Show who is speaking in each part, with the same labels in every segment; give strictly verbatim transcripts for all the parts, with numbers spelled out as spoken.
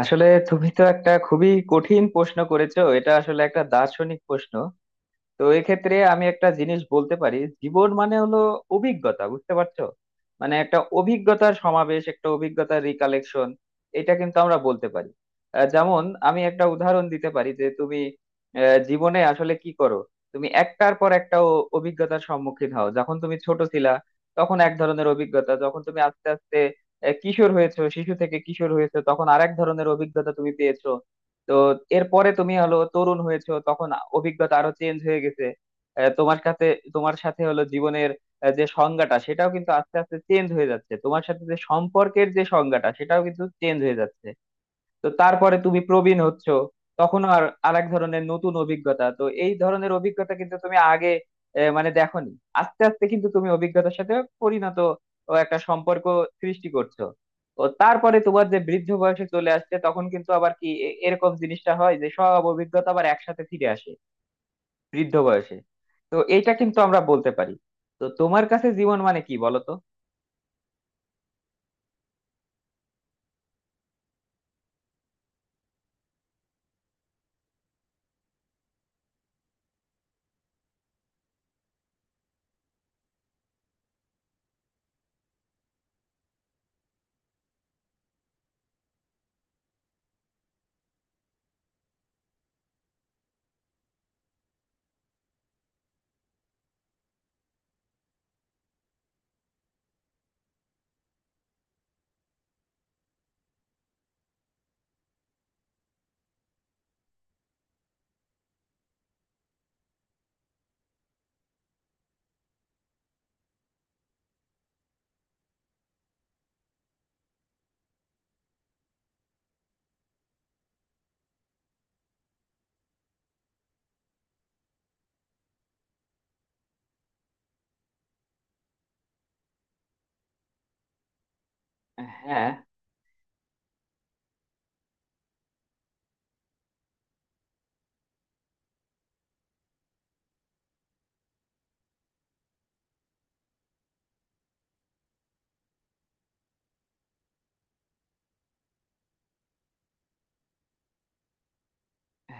Speaker 1: আসলে তুমি তো একটা খুবই কঠিন প্রশ্ন করেছো। এটা আসলে একটা দার্শনিক প্রশ্ন। তো এক্ষেত্রে আমি একটা জিনিস বলতে পারি, জীবন মানে হলো অভিজ্ঞতা, বুঝতে পারছো? মানে একটা অভিজ্ঞতার সমাবেশ, একটা অভিজ্ঞতার রিকালেকশন, এটা কিন্তু আমরা বলতে পারি। আহ, যেমন আমি একটা উদাহরণ দিতে পারি যে তুমি আহ, জীবনে আসলে কি করো। তুমি একটার পর একটা অ- অভিজ্ঞতার সম্মুখীন হও। যখন তুমি ছোট ছিলা তখন এক ধরনের অভিজ্ঞতা, যখন তুমি আস্তে আস্তে আহ, কিশোর হয়েছো, শিশু থেকে কিশোর হয়েছো, তখন আরেক ধরনের অভিজ্ঞতা তুমি পেয়েছো। তো এরপরে তুমি হলো তরুণ হয়েছো, তখন অভিজ্ঞতা আরো চেঞ্জ হয়ে গেছে। আহ, তোমার সাথে, তোমার সাথে হলো জীবনের আহ, যে সংজ্ঞাটা, সেটাও কিন্তু আস্তে আস্তে চেঞ্জ হয়ে যাচ্ছে। তোমার সাথে যে সম্পর্কের, যে সংজ্ঞাটা সেটাও কিন্তু চেঞ্জ হয়ে যাচ্ছে। তো তারপরে তুমি প্রবীণ হচ্ছ, তখন আর আরেক ধরনের নতুন অভিজ্ঞতা। তো এই ধরনের অভিজ্ঞতা কিন্তু তুমি আগে আহ, মানে দেখোনি। আস্তে আস্তে কিন্তু তুমি অভিজ্ঞতার সাথে পরিণত ও একটা সম্পর্ক সৃষ্টি করছো। ও তারপরে তোমার যে বৃদ্ধ বয়সে চলে আসছে, তখন কিন্তু আবার কি এ- এরকম জিনিসটা হয় যে সব অভিজ্ঞতা আবার একসাথে ফিরে আসে বৃদ্ধ বয়সে। তো এইটা কিন্তু আমরা বলতে পারি। তো তোমার কাছে জীবন মানে কি বলো তো। হ্যাঁ,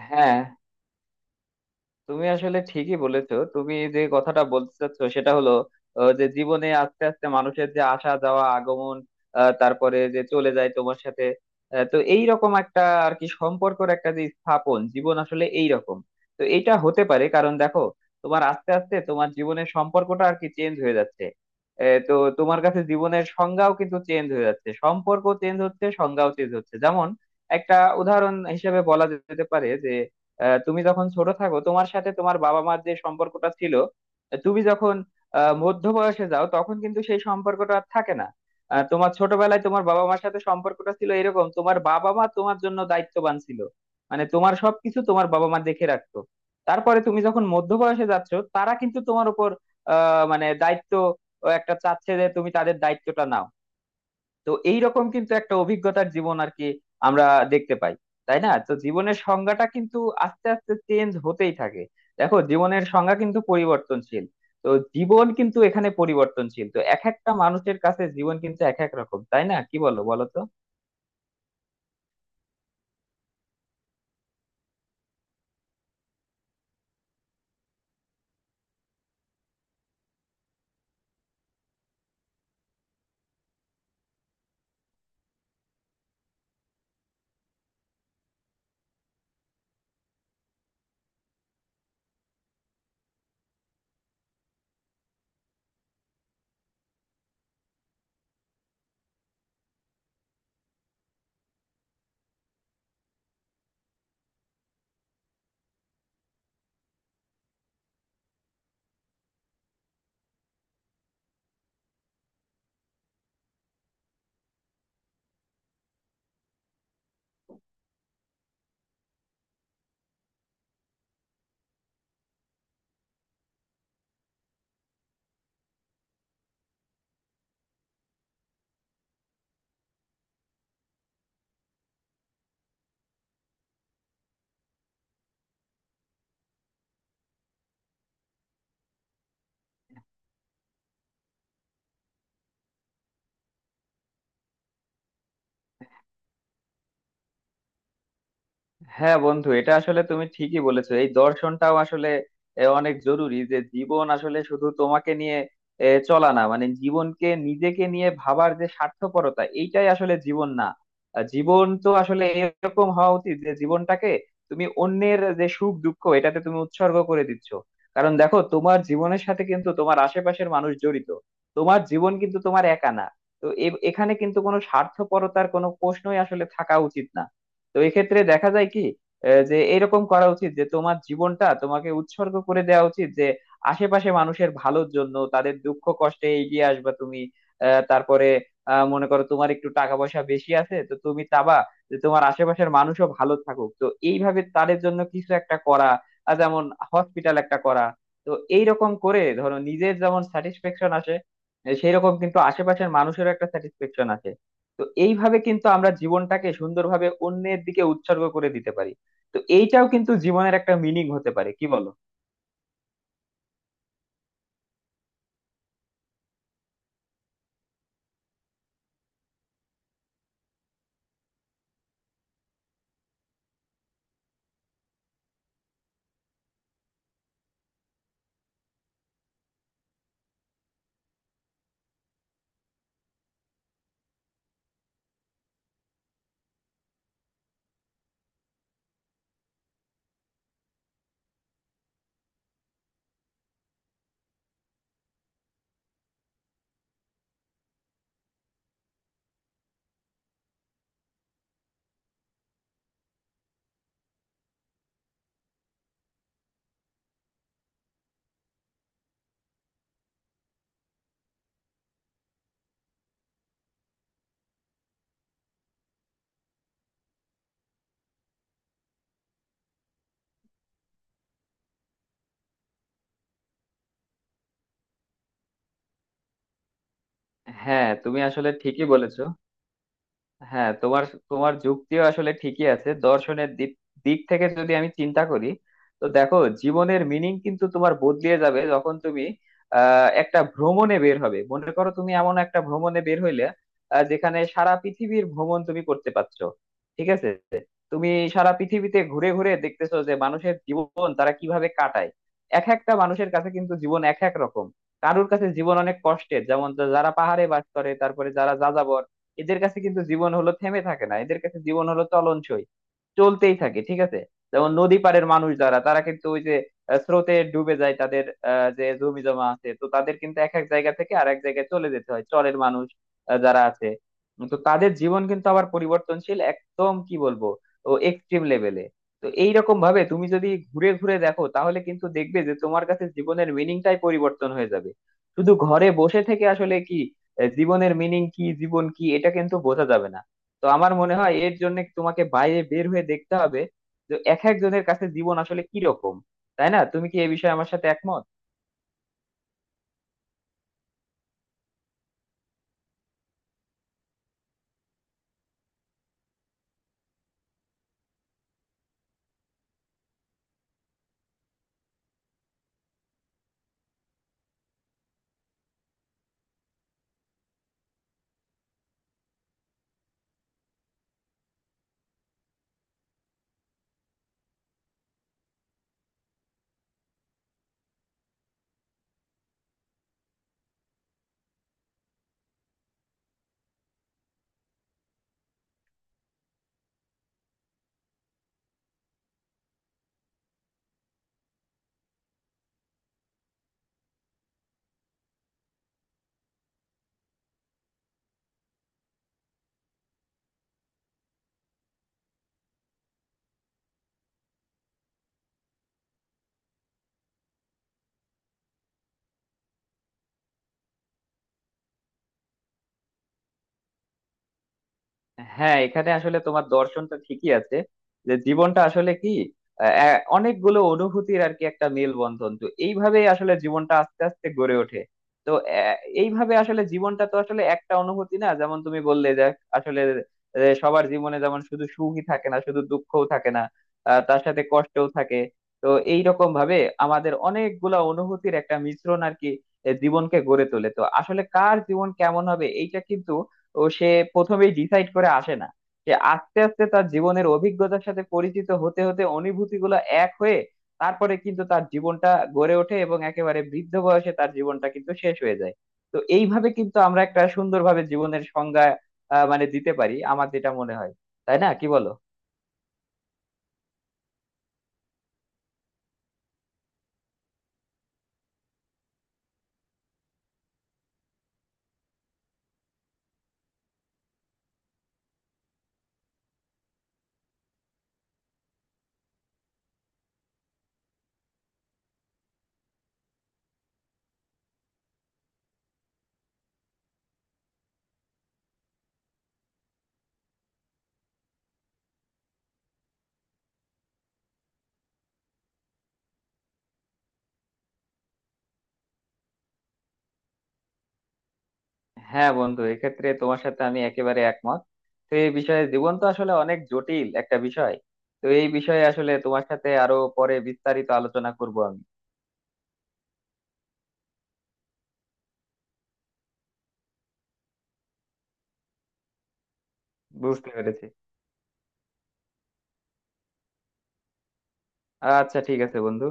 Speaker 1: হ্যাঁ, তুমি আসলে ঠিকই বলেছো। তুমি যে কথাটা বলতে চাচ্ছ সেটা হলো আহ, যে জীবনে আস্তে আস্তে মানুষের যে আসা যাওয়া আগমন, আহ, তারপরে যে চলে যায় তোমার সাথে। আহ, তো এই রকম একটা আর কি সম্পর্কের একটা যে স্থাপন, জীবন আসলে এই রকম। তো এটা হতে পারে, কারণ দেখো তোমার আস্তে আস্তে তোমার জীবনের সম্পর্কটা আর কি চেঞ্জ হয়ে যাচ্ছে। আহ, তো তোমার কাছে জীবনের সংজ্ঞাও কিন্তু চেঞ্জ হয়ে যাচ্ছে। সম্পর্ক চেঞ্জ হচ্ছে, সংজ্ঞাও চেঞ্জ হচ্ছে। যেমন একটা উদাহরণ হিসেবে বলা যেতে পারে যে আহ, তুমি যখন ছোট থাকো, তোমার সাথে তোমার বাবা মার যে সম্পর্কটা ছিল, আহ, তুমি যখন আহ, মধ্য বয়সে যাও তখন কিন্তু সেই সম্পর্কটা আর থাকে না। আহ, তোমার ছোটবেলায় তোমার বাবা মার সাথে সম্পর্কটা ছিল এরকম, তোমার বাবা মা তোমার জন্য দায়িত্ববান ছিল, মানে তোমার সবকিছু তোমার বাবা মা দেখে রাখতো। তারপরে তুমি যখন মধ্য বয়সে যাচ্ছ, তারা কিন্তু তোমার উপর আহ মানে দায়িত্ব একটা চাচ্ছে যে তুমি তাদের দায়িত্বটা নাও। তো এইরকম কিন্তু একটা অভিজ্ঞতার জীবন আর কি আমরা দেখতে পাই, তাই না? তো জীবনের সংজ্ঞাটা কিন্তু আস্তে আস্তে চেঞ্জ হতেই থাকে। দেখো, জীবনের সংজ্ঞা কিন্তু পরিবর্তনশীল। তো জীবন কিন্তু এখানে পরিবর্তনশীল। তো এক একটা মানুষের কাছে জীবন কিন্তু এক এক রকম, তাই না? কি বলো, বলো তো। হ্যাঁ বন্ধু, এটা আসলে তুমি ঠিকই বলেছো। এই দর্শনটাও আসলে এ, অনেক জরুরি যে জীবন আসলে শুধু তোমাকে নিয়ে এ, চলা না। মানে জীবনকে নিজেকে নিয়ে ভাবার যে স্বার্থপরতা, এইটাই আসলে জীবন না। আহ, জীবন তো আসলে এরকম হওয়া উচিত যে জীবনটাকে তুমি অন্যের যে সুখ দুঃখ এটাতে তুমি উৎসর্গ করে দিচ্ছ। কারণ দেখো, তোমার জীবনের সাথে কিন্তু তোমার আশেপাশের মানুষ জড়িত। তোমার জীবন কিন্তু তোমার একা না। তো এ- এখানে কিন্তু কোনো স্বার্থপরতার কোনো প্রশ্নই আসলে থাকা উচিত না। তো এই ক্ষেত্রে দেখা যায় কি আহ, যে এরকম করা উচিত যে তোমার জীবনটা তোমাকে উৎসর্গ করে দেওয়া উচিত যে আশেপাশে মানুষের ভালোর জন্য তাদের দুঃখ কষ্টে এগিয়ে আসবা তুমি। আহ, তারপরে আহ, মনে করো তোমার একটু টাকা পয়সা বেশি আছে, তো তুমি চাবা যে তোমার আশেপাশের মানুষও ভালো থাকুক। তো এইভাবে তাদের জন্য কিছু একটা করা, আর যেমন হসপিটাল একটা করা। তো এইরকম করে ধরো, নিজের যেমন স্যাটিসফ্যাকশন আসে, সেই রকম কিন্তু আশেপাশের মানুষেরও একটা স্যাটিসফ্যাকশন আসে। তো এইভাবে কিন্তু আমরা জীবনটাকে সুন্দরভাবে অন্যের দিকে উৎসর্গ করে দিতে পারি। তো এইটাও কিন্তু জীবনের একটা মিনিং হতে পারে, কি বলো। হ্যাঁ, তুমি আসলে ঠিকই বলেছো। হ্যাঁ, তোমার তোমার যুক্তিও আসলে ঠিকই আছে। দর্শনের দিক দিক থেকে যদি আমি চিন্তা করি, তো দেখো জীবনের মিনিং কিন্তু তোমার বদলিয়ে যাবে যখন তুমি আহ একটা ভ্রমণে বের হবে। মনে করো তুমি এমন একটা ভ্রমণে বের হইলে আহ, যেখানে সারা পৃথিবীর ভ্রমণ তুমি করতে পারছো, ঠিক আছে। তুমি সারা পৃথিবীতে ঘুরে ঘুরে দেখতেছো যে মানুষের জীবন তারা কিভাবে কাটায়। এক একটা মানুষের কাছে কিন্তু জীবন এক এক রকম। কারুর কাছে জীবন অনেক কষ্টের, যেমন যারা পাহাড়ে বাস করে, তারপরে যারা যাযাবর, এদের কাছে কিন্তু জীবন হলো থেমে থাকে না, এদের কাছে জীবন হলো চলনসই, চলতেই থাকে, ঠিক আছে। যেমন নদী পাড়ের মানুষ যারা, তারা কিন্তু ওই যে আহ, স্রোতে ডুবে যায় তাদের আহ, যে জমি জমা আছে, তো তাদের কিন্তু এক এক জায়গা থেকে আর এক জায়গায় চলে যেতে হয়। চরের মানুষ আহ, যারা আছে, তো তাদের জীবন কিন্তু আবার পরিবর্তনশীল একদম কি বলবো ও এক্সট্রিম লেভেলে। তো এইরকম ভাবে তুমি যদি ঘুরে ঘুরে দেখো তাহলে কিন্তু দেখবে যে তোমার কাছে জীবনের মিনিংটাই পরিবর্তন হয়ে যাবে। শুধু ঘরে বসে থেকে আসলে কি এ, জীবনের মিনিং কি, জীবন কি, এটা কিন্তু বোঝা যাবে না। তো আমার মনে হয় এর জন্য তোমাকে বাইরে বের হয়ে দেখতে হবে যে এক একজনের কাছে জীবন আসলে কি রকম। তাই না? তুমি কি এই বিষয়ে আমার সাথে একমত? হ্যাঁ, এখানে আসলে তোমার দর্শনটা ঠিকই আছে যে জীবনটা আসলে কি আহ, অনেকগুলো অনুভূতির আর কি একটা মেলবন্ধন। তো এইভাবেই আসলে জীবনটা আস্তে আস্তে গড়ে ওঠে। তো আহ, এইভাবে আসলে জীবনটা তো আসলে একটা অনুভূতি না। যেমন তুমি বললে যে আসলে আহ, সবার জীবনে যেমন শুধু সুখই থাকে না, শুধু দুঃখও থাকে না, আহ, তার সাথে কষ্টও থাকে। তো এইরকম ভাবে আমাদের অনেকগুলা অনুভূতির একটা মিশ্রণ আর কি এ, জীবনকে গড়ে তোলে। তো আসলে কার জীবন কেমন হবে এইটা কিন্তু ও সে প্রথমেই ডিসাইড করে আসে না। সে আস্তে আস্তে তার জীবনের অভিজ্ঞতার সাথে পরিচিত হতে হতে অনুভূতি গুলো এক হয়ে, তারপরে কিন্তু তার জীবনটা গড়ে ওঠে এবং একেবারে বৃদ্ধ বয়সে তার জীবনটা কিন্তু শেষ হয়ে যায়। তো এইভাবে কিন্তু আমরা একটা সুন্দরভাবে জীবনের সংজ্ঞা আহ, মানে দিতে পারি আমার যেটা মনে হয়। তাই না, কি বলো। হ্যাঁ বন্ধু, এক্ষেত্রে তোমার সাথে আমি একেবারে একমত। তো এই বিষয়ে জীবন তো আসলে অনেক জটিল একটা বিষয়। তো এই বিষয়ে আসলে তোমার সাথে আরো পরে বিস্তারিত আলোচনা করব আমি। বুঝতে পেরেছি। আচ্ছা ঠিক আছে বন্ধু।